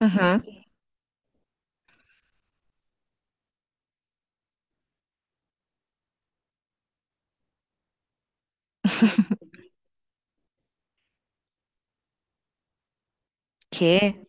Ujú. ¿Qué?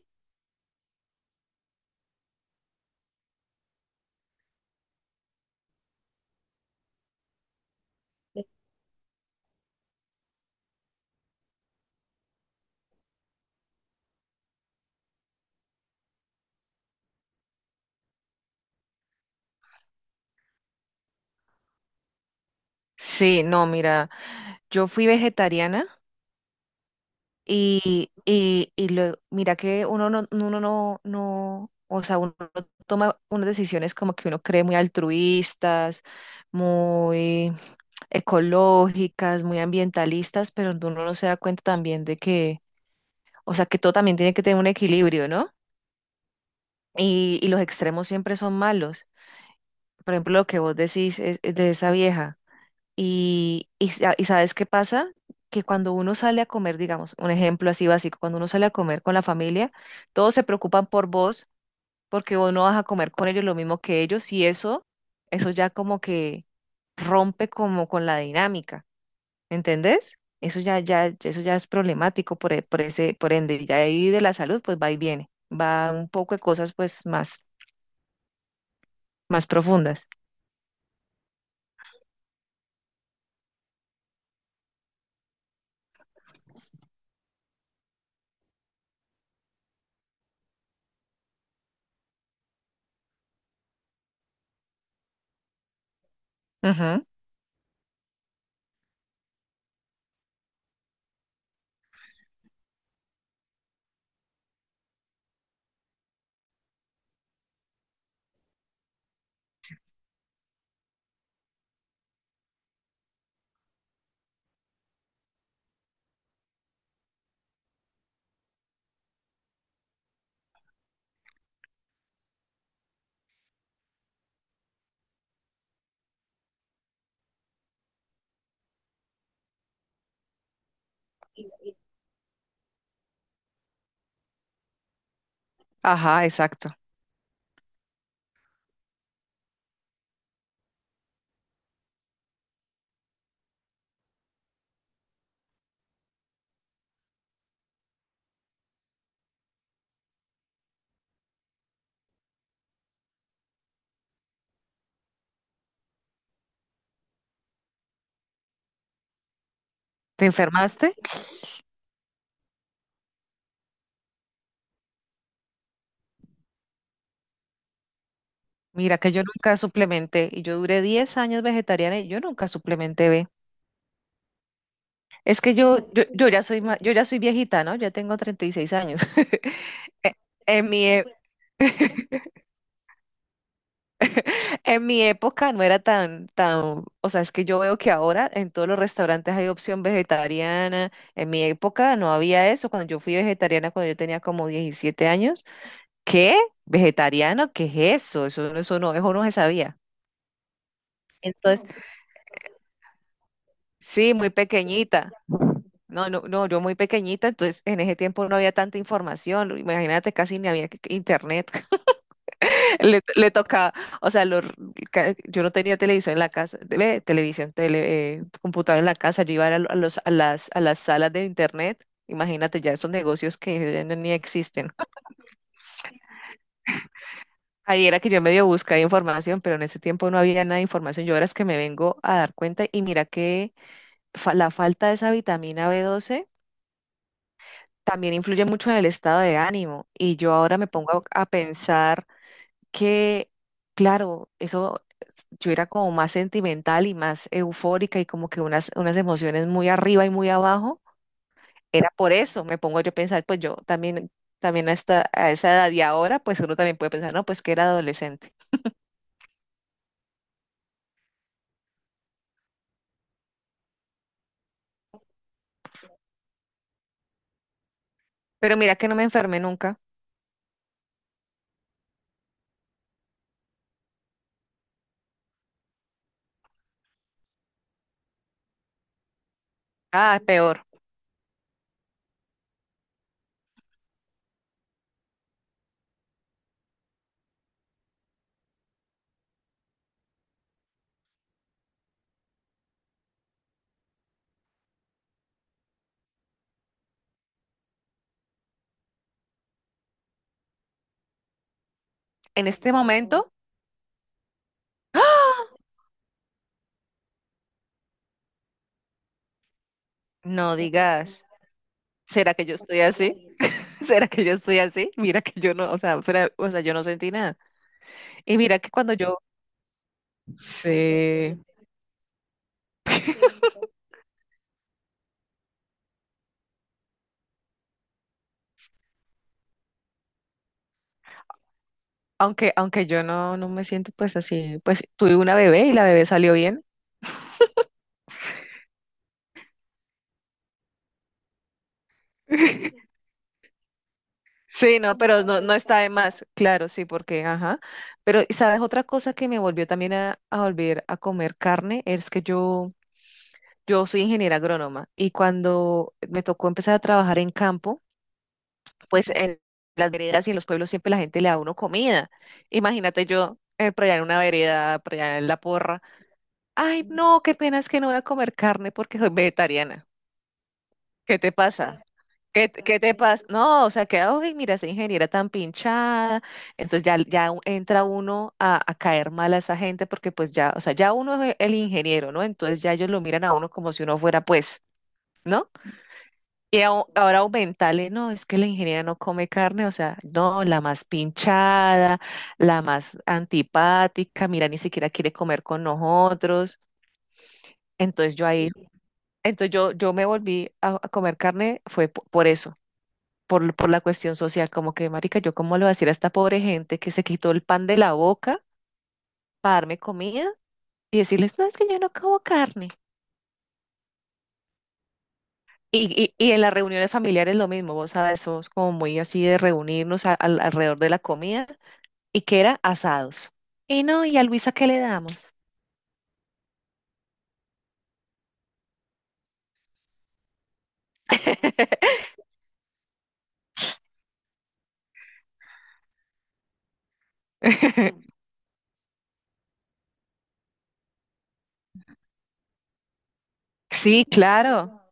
Sí, no, mira, yo fui vegetariana y luego, mira que uno no, o sea, uno toma unas decisiones como que uno cree muy altruistas, muy ecológicas, muy ambientalistas, pero uno no se da cuenta también de que, o sea, que todo también tiene que tener un equilibrio, ¿no? Y los extremos siempre son malos. Por ejemplo, lo que vos decís es de esa vieja. Y ¿sabes qué pasa? Que cuando uno sale a comer, digamos, un ejemplo así básico, cuando uno sale a comer con la familia, todos se preocupan por vos porque vos no vas a comer con ellos lo mismo que ellos y eso ya como que rompe como con la dinámica, ¿entendés? Eso ya, ya, eso ya es problemático por, e- por ese, por ende, y ya ahí de la salud, pues va y viene, va un poco de cosas pues más profundas. Ujú. Ajá, exacto. ¿Te enfermaste? Mira que yo nunca suplementé y yo duré 10 años vegetariana y yo nunca suplementé B. Es que yo ya soy yo ya soy viejita, ¿no? Ya tengo 36 años. E- En mi, e- en mi época no era tan, o sea, es que yo veo que ahora en todos los restaurantes hay opción vegetariana. En mi época no había eso. Cuando yo fui vegetariana, cuando yo tenía como 17 años, ¿qué? ¿Vegetariano? ¿Qué es eso? Eso, eso no se sabía. Entonces, sí, muy pequeñita. No, yo muy pequeñita, entonces en ese tiempo no había tanta información, imagínate, casi ni había internet. Le tocaba, o sea, yo no tenía televisión en la casa, ve, televisión, tele, computadora en la casa, yo iba a, lo- a los, a las salas de internet, imagínate ya esos negocios que ya ni existen. Ahí era que yo medio buscaba información, pero en ese tiempo no había nada de información, yo ahora es que me vengo a dar cuenta y mira que la falta de esa vitamina B12 también influye mucho en el estado de ánimo. Y yo ahora me pongo a pensar que, claro, yo era como más sentimental y más eufórica y como que unas emociones muy arriba y muy abajo. Era por eso, me pongo yo a pensar, pues yo también, también hasta a esa edad y ahora, pues uno también puede pensar, no, pues que era adolescente. Pero mira que no me enfermé nunca. Ah, peor. En este momento, no digas, ¿será que yo estoy así? ¿Será que yo estoy así? Mira que yo no, o sea, o sea, yo no sentí nada. Y mira que cuando yo, sí, aunque yo no, no me siento pues así, pues tuve una bebé y la bebé salió bien. Sí, no, pero no está de más, claro, sí, porque, ajá. Pero, ¿sabes otra cosa que me volvió también a volver a comer carne? Es que yo soy ingeniera agrónoma y cuando me tocó empezar a trabajar en campo, pues en las veredas y en los pueblos siempre la gente le da a uno comida. Imagínate yo por allá en una vereda, por allá en la porra. Ay, no, qué pena es que no voy a comer carne porque soy vegetariana. ¿Qué te pasa? ¿Qué te pasa? No, o sea, que, ay, mira, esa ingeniera tan pinchada. Entonces ya, entra uno a caer mal a esa gente porque pues ya, o sea, ya uno es el ingeniero, ¿no? Entonces ya ellos lo miran a uno como si uno fuera pues, ¿no? Y ahora aumentarle, no, es que la ingeniera no come carne, o sea, no, la más pinchada, la más antipática, mira, ni siquiera quiere comer con nosotros. Entonces yo ahí. Entonces yo me volví a comer carne, fue por eso, por la cuestión social, como que, marica, yo cómo le voy a decir a esta pobre gente que se quitó el pan de la boca para darme comida y decirles, no, es que yo no como carne. Y en las reuniones familiares lo mismo, vos sabes, somos como muy así de reunirnos alrededor de la comida y que era asados. Y no, ¿y a Luisa qué le damos? Sí, claro.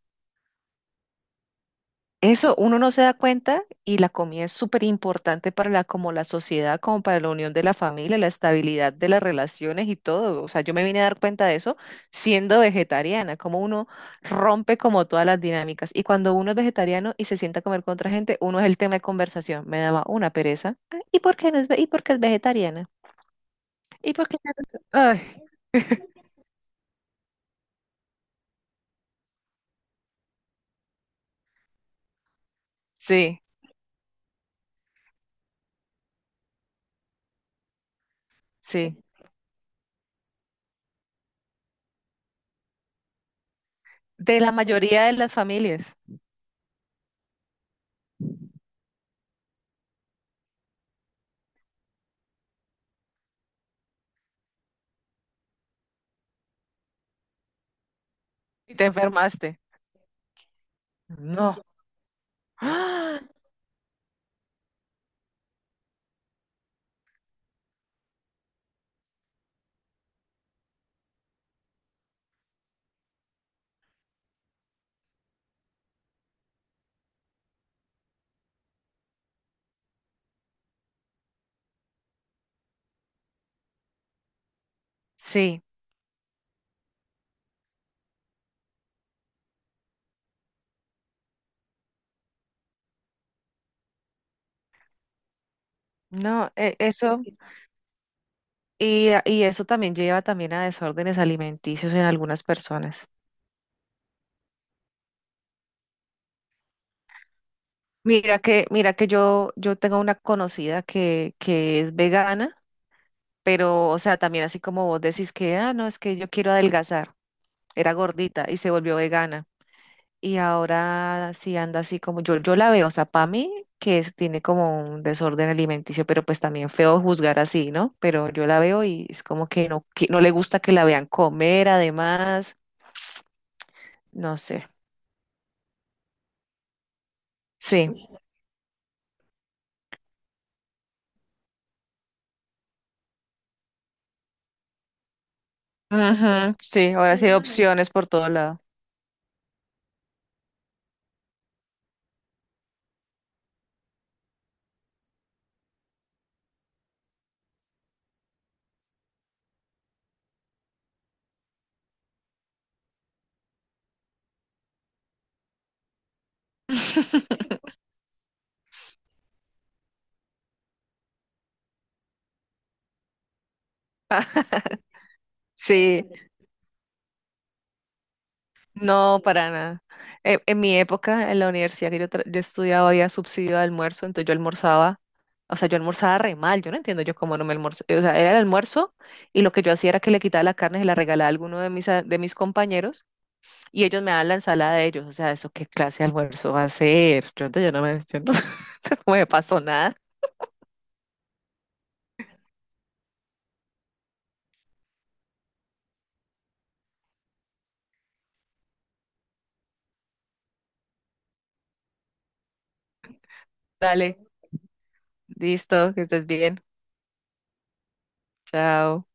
Eso, uno no se da cuenta y la comida es súper importante para la, como la sociedad, como para la unión de la familia, la estabilidad de las relaciones y todo. O sea, yo me vine a dar cuenta de eso siendo vegetariana, como uno rompe como todas las dinámicas. Y cuando uno es vegetariano y se sienta a comer con otra gente, uno es el tema de conversación. Me daba una pereza. "Ah, ¿y por qué no es, ve- y por qué es vegetariana? ¿Y por qué no es-" Ay, sí, sí. De la mayoría de las familias. Y te enfermaste. No. ¡Ah! Sí. No, eso, y, y eso también lleva también a desórdenes alimenticios en algunas personas. Mira que yo tengo una conocida que es vegana, pero, o sea, también así como vos decís que, ah, no, es que yo quiero adelgazar. Era gordita y se volvió vegana. Y ahora sí anda así como yo la veo, o sea, para mí que tiene como un desorden alimenticio, pero pues también feo juzgar así, ¿no? Pero yo la veo y es como que no le gusta que la vean comer, además, no sé. Sí, ujú. Sí, ahora sí hay opciones por todo lado. Sí, no, para nada. En mi época, en la universidad que yo, yo estudiaba, había subsidio de almuerzo, entonces yo almorzaba, o sea, yo almorzaba re mal, yo no entiendo yo cómo no me almorzaba, o sea, era el almuerzo y lo que yo hacía era que le quitaba la carne y se la regalaba a alguno de de mis compañeros y ellos me daban la ensalada de ellos, o sea, ¿eso qué clase de almuerzo va a ser? Yo no me pasó nada. Dale, listo, que estés bien, chao.